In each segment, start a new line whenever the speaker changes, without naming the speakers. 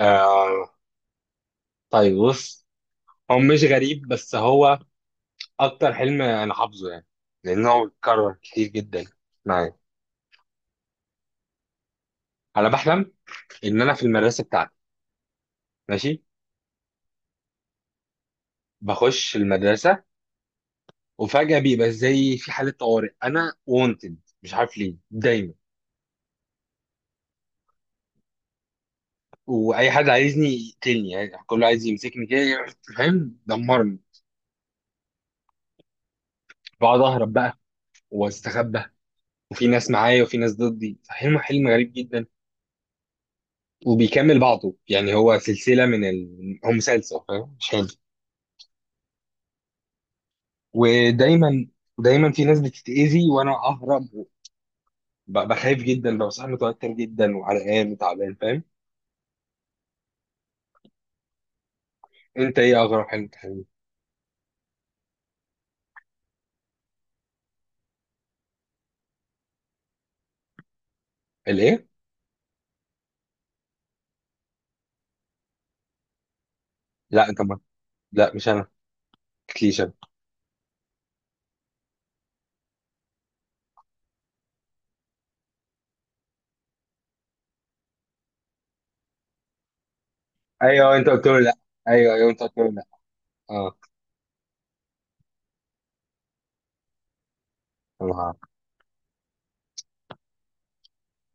آه، طيب، بص. هو مش غريب، بس هو اكتر حلم انا حافظه يعني، لانه هو اتكرر كتير جدا معايا. انا بحلم ان انا في المدرسه بتاعتي. ماشي. بخش المدرسه، وفجاه بيبقى زي في حاله طوارئ، انا وونتد، مش عارف ليه دايما. واي حد عايزني يقتلني، يعني كله عايز يمسكني كده، فاهم، دمرني. بقعد اهرب بقى واستخبى، وفي ناس معايا وفي ناس ضدي. حلم حلم غريب جدا، وبيكمل بعضه يعني، هو سلسلة من هو مسلسل، فاهم، مش حلو. ودايما دايما في ناس بتتأذي وانا اهرب. بخاف جدا، ببقى صاحي، متوتر جدا وعرقان وتعبان، فاهم. انت ايه اغرب حاجة بتحبها؟ الايه؟ لا انت ما... لا، مش انا، ما تحكيليش انا. ايوه، انت قلت له لا. ايوه، ايوه، انت قلت له لا. اه، طبعا.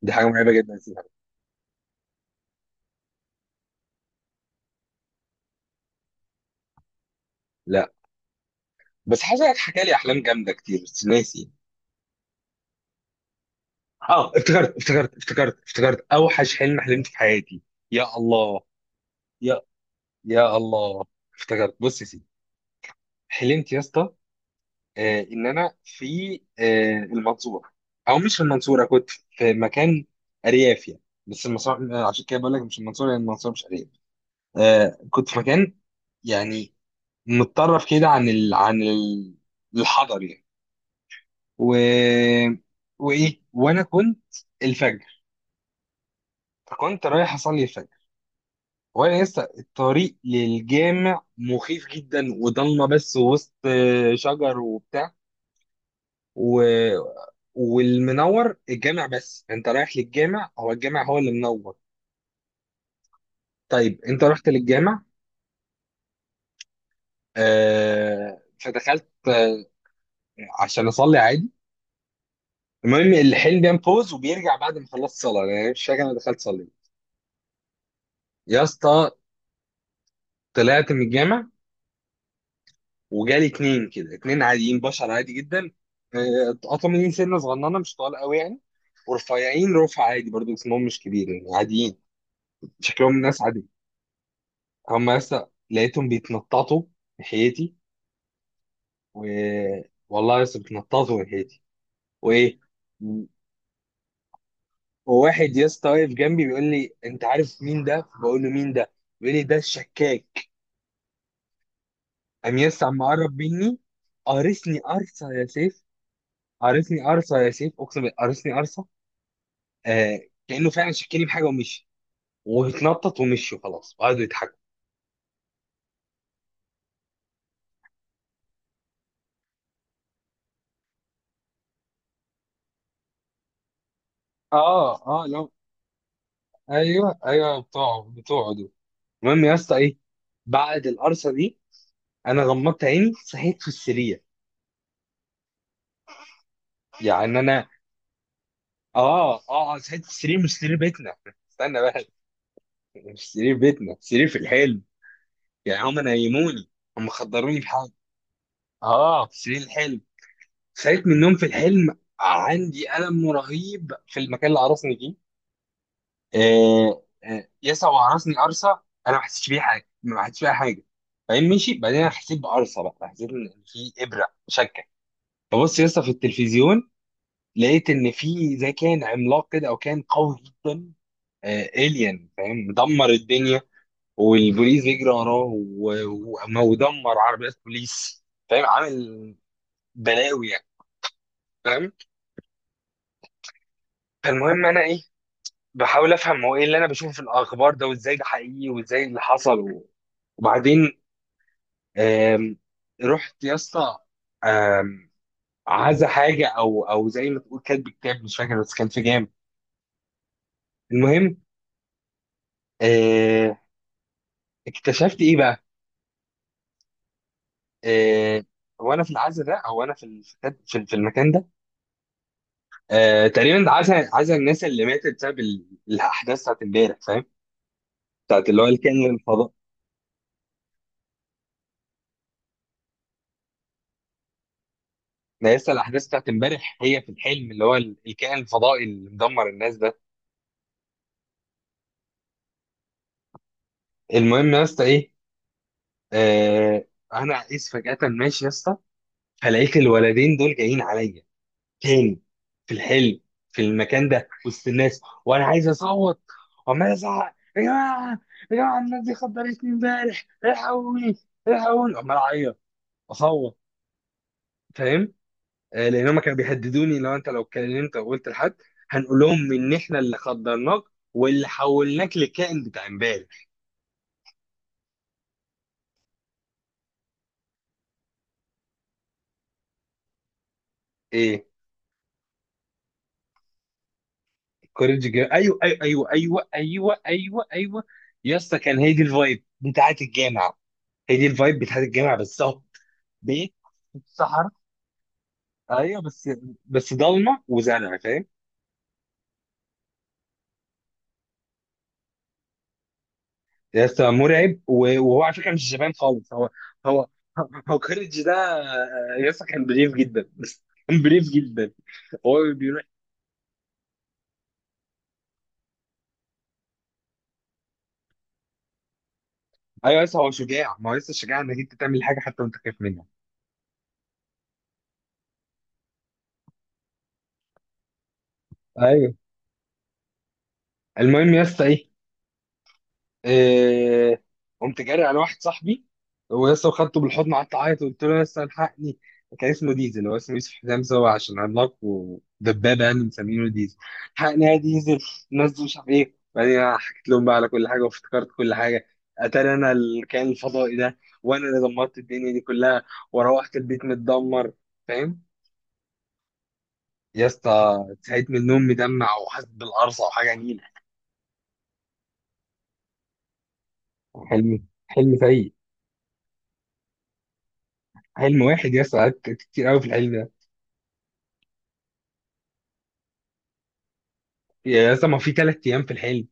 دي حاجة مرعبة جدا، سيبها. لا، بس حاسس انك حكى لي احلام جامدة كتير، بس ناسي. اه، افتكرت، افتكرت، افتكرت، افتكرت اوحش حلم حلمت في حياتي. يا الله، يا يا الله. افتكرت، بص يا سيدي، حلمت يا اسطى. ان انا في المنصوره. او مش في المنصوره، كنت في مكان ارياف يعني، بس المنصوره، عشان كده بقول لك مش المنصوره، لان المنصوره مش ارياف. كنت في مكان يعني متطرف كده، عن الحضر يعني. و... وايه، وانا كنت الفجر، فكنت رايح اصلي الفجر. وانا لسه، الطريق للجامع مخيف جدا وضلمه، بس وسط شجر وبتاع. و... والمنور الجامع، بس انت رايح للجامع، هو الجامع هو اللي منور. طيب انت رحت للجامع، فدخلت عشان اصلي عادي. المهم الحلم بينام بوز وبيرجع، بعد ما خلصت صلاه يعني، مش فاكر انا دخلت صلي. يا اسطى، طلعت من الجامع، وجالي اتنين كده، اتنين عاديين، بشر عادي جدا. اتقطعوا مني، سنه صغننه مش طوال قوي يعني، ورفيعين رفع عادي، برضو اسمهم مش كبير يعني، عاديين. شكلهم ناس عادي. هم لسه لقيتهم بيتنططوا ناحيتي. و... والله يا اسطى بتنططوا من هيتي، وايه. وواحد يا اسطى واقف جنبي بيقول لي، انت عارف مين ده؟ بقول له مين ده؟ بيقول لي ده الشكاك. قام يا اسطى عم قرب مني، قارصني قرصه يا سيف. قارصني قرصه يا سيف، اقسم بالله قارصني قرصه. آه كانه فعلا شكني بحاجه ومشي، واتنطط ومشي وخلاص، وقعدوا يضحكوا. اه، اه، لو، ايوه، ايوه، بتوعه بتوعه دول. المهم يا اسطى ايه، بعد القرصه دي، انا غمضت عيني، صحيت في السرير، يعني انا. اه، اه، ساعة السرير مش سرير بيتنا، استنى بقى، مش سرير بيتنا، سرير في الحلم. يعني هم نيموني، هم خدروني بحاجه. اه، في سرير الحلم صحيت من النوم. في الحلم عندي ألم رهيب في المكان اللي عرسني فيه. يسع وعرسني قرصة. أنا ما حسيتش بيها حاجة، ما حسيتش بيها حاجة. بعدين مشي، بعدين أنا حسيت بقرصة بقى، حسيت إن في إبرة شكة. ببص يسطا في التلفزيون، لقيت إن في زي كان عملاق كده، أو كان قوي جدا. الين، فاهم، مدمر الدنيا، والبوليس بيجري وراه ودمر عربيات بوليس، فاهم، عامل بلاوي يعني، فاهم. فالمهم انا ايه، بحاول افهم هو ايه اللي انا بشوفه في الاخبار ده، وازاي ده حقيقي، وازاي اللي حصل، وبعدين آم، رحت يا اسطى، آم، عزا حاجه، او زي ما تقول كاتب كتاب، مش فاكر، بس كان في جام. المهم، آه، اكتشفت ايه بقى، آه، وانا في العزا ده، او انا في في المكان ده. تقريبا عزا، عزا الناس اللي ماتت بسبب الاحداث بتاعت امبارح، فاهم، بتاعت اللي هو الكائن الفضائي. ده لسه الاحداث بتاعت امبارح هي في الحلم، اللي هو الكائن الفضائي اللي مدمر الناس ده. المهم يا اسطى ايه، آه انا قيس فجأة ماشي يا اسطى، فلقيت الولدين دول جايين عليا تاني في الحلم، في المكان ده، وسط الناس، وانا عايز اصوت، وعمال ازعق، يا جماعه، يا جماعه الناس دي خدرتني امبارح، الحقوني، الحقوني، عمال اعيط اصوت، فاهم. لان هم كانوا بيهددوني، لو انت، لو اتكلمت او قلت لحد هنقول لهم ان احنا اللي خدرناك، واللي حولناك لكائن بتاع امبارح. ايه؟ كوريج جيم، ايوه، ايوه، ايوه، ايوه، ايوه، ايوه، ايوه. يا اسطى كان، هي دي الفايب بتاعت الجامعه، هي دي الفايب بتاعت الجامعه بالظبط. بيت في الصحراء، ايوه بس ضلمه وزرع، فاهم. يا اسطى مرعب، وهو على فكره مش جبان خالص. هو، هو هو كوريج ده. يا اسطى كان بريف جدا بس كان بريف جدا، هو بيقول. ايوه، لسه هو شجاع، ما هو لسه شجاع انك انت تعمل حاجه حتى وانت خايف منها. ايوه، المهم يا اسطى ايه، آه، قمت جاري على واحد صاحبي، هو لسه خدته بالحضن، قعدت اعيط وقلت له لسه الحقني. كان اسمه ديزل، هو اسمه يوسف، حزام سوا عشان عملاق ودبابه يعني مسمينه ديزل. الحقني يا ديزل. نزل مش عارف ايه، بعدين حكيت لهم بقى على كل حاجه، وافتكرت كل حاجه، اتاري انا الكائن الفضائي ده، وانا اللي دمرت الدنيا دي كلها، وروحت البيت متدمر، فاهم. يا اسطى صحيت من النوم مدمع، وحاسس بالقرصه وحاجه نيله. حلم حلم سيء. حلم واحد يا اسطى، قعدت كتير قوي في الحلم ده. يا اسطى، ما في 3 ايام في الحلم.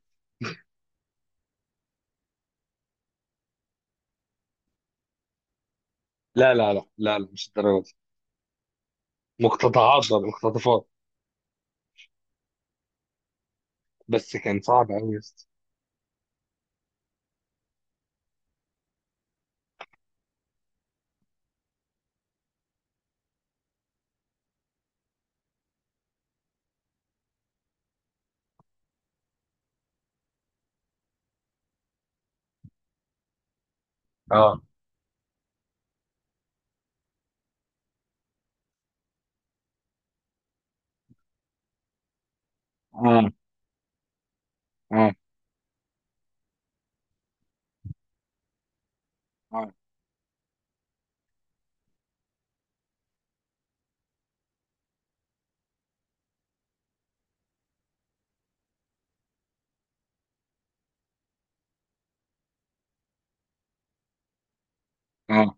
لا، لا، لا، لا، لا، مش الدرجه دي، مقتطعات بقى، مقتطفات. بس كان صعب قوي يا اسطى. اه، اه، اه، اه، اه،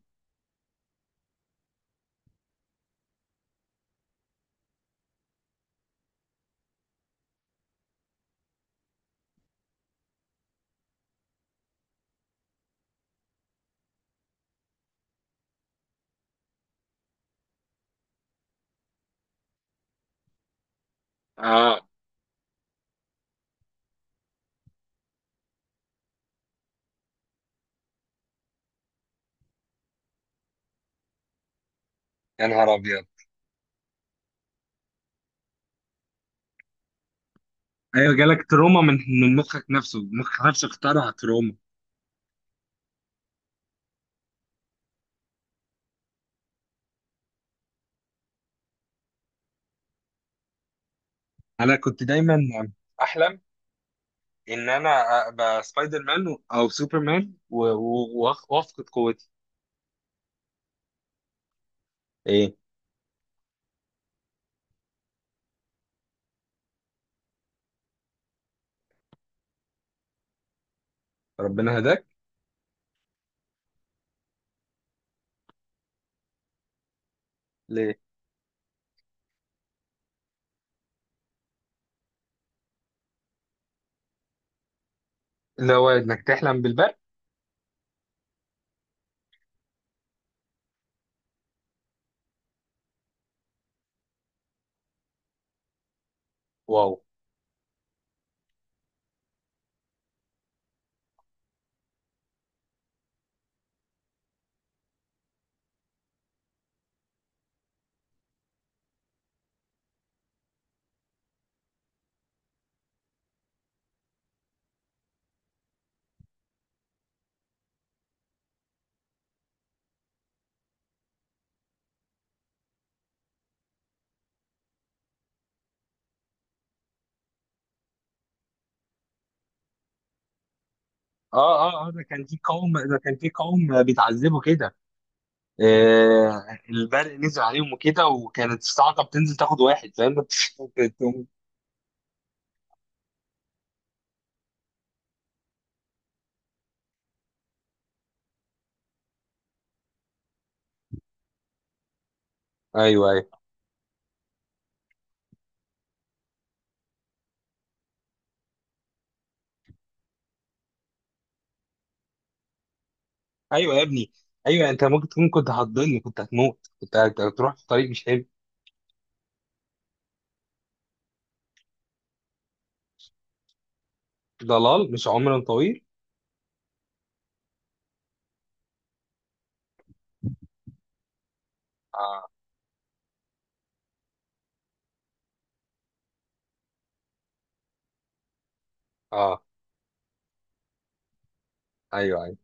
اه. يا نهار ابيض. ايوه، جالك تروما من مخك نفسه، مخك نفسه اخترع تروما. انا كنت دايما احلم ان انا ابقى سبايدر مان او سوبر مان، وافقد قوتي. ايه؟ ربنا هداك. ليه؟ اللي هو انك تحلم بالبرق. واو. اه، اه، اه، ده كان في قوم، ده كان في قوم بيتعذبوا كده. البرق نزل عليهم وكده، وكانت الصاعقه بتنزل تاخد واحد، فاهم. تقوم- ايوه، ايوه، ايوه يا ابني. ايوه، انت ممكن تكون كنت هتضل، كنت هتموت، كنت هتروح في طريق مش حلو. ضلال، مش عمر طويل. اه، اه، ايوه، ايوه.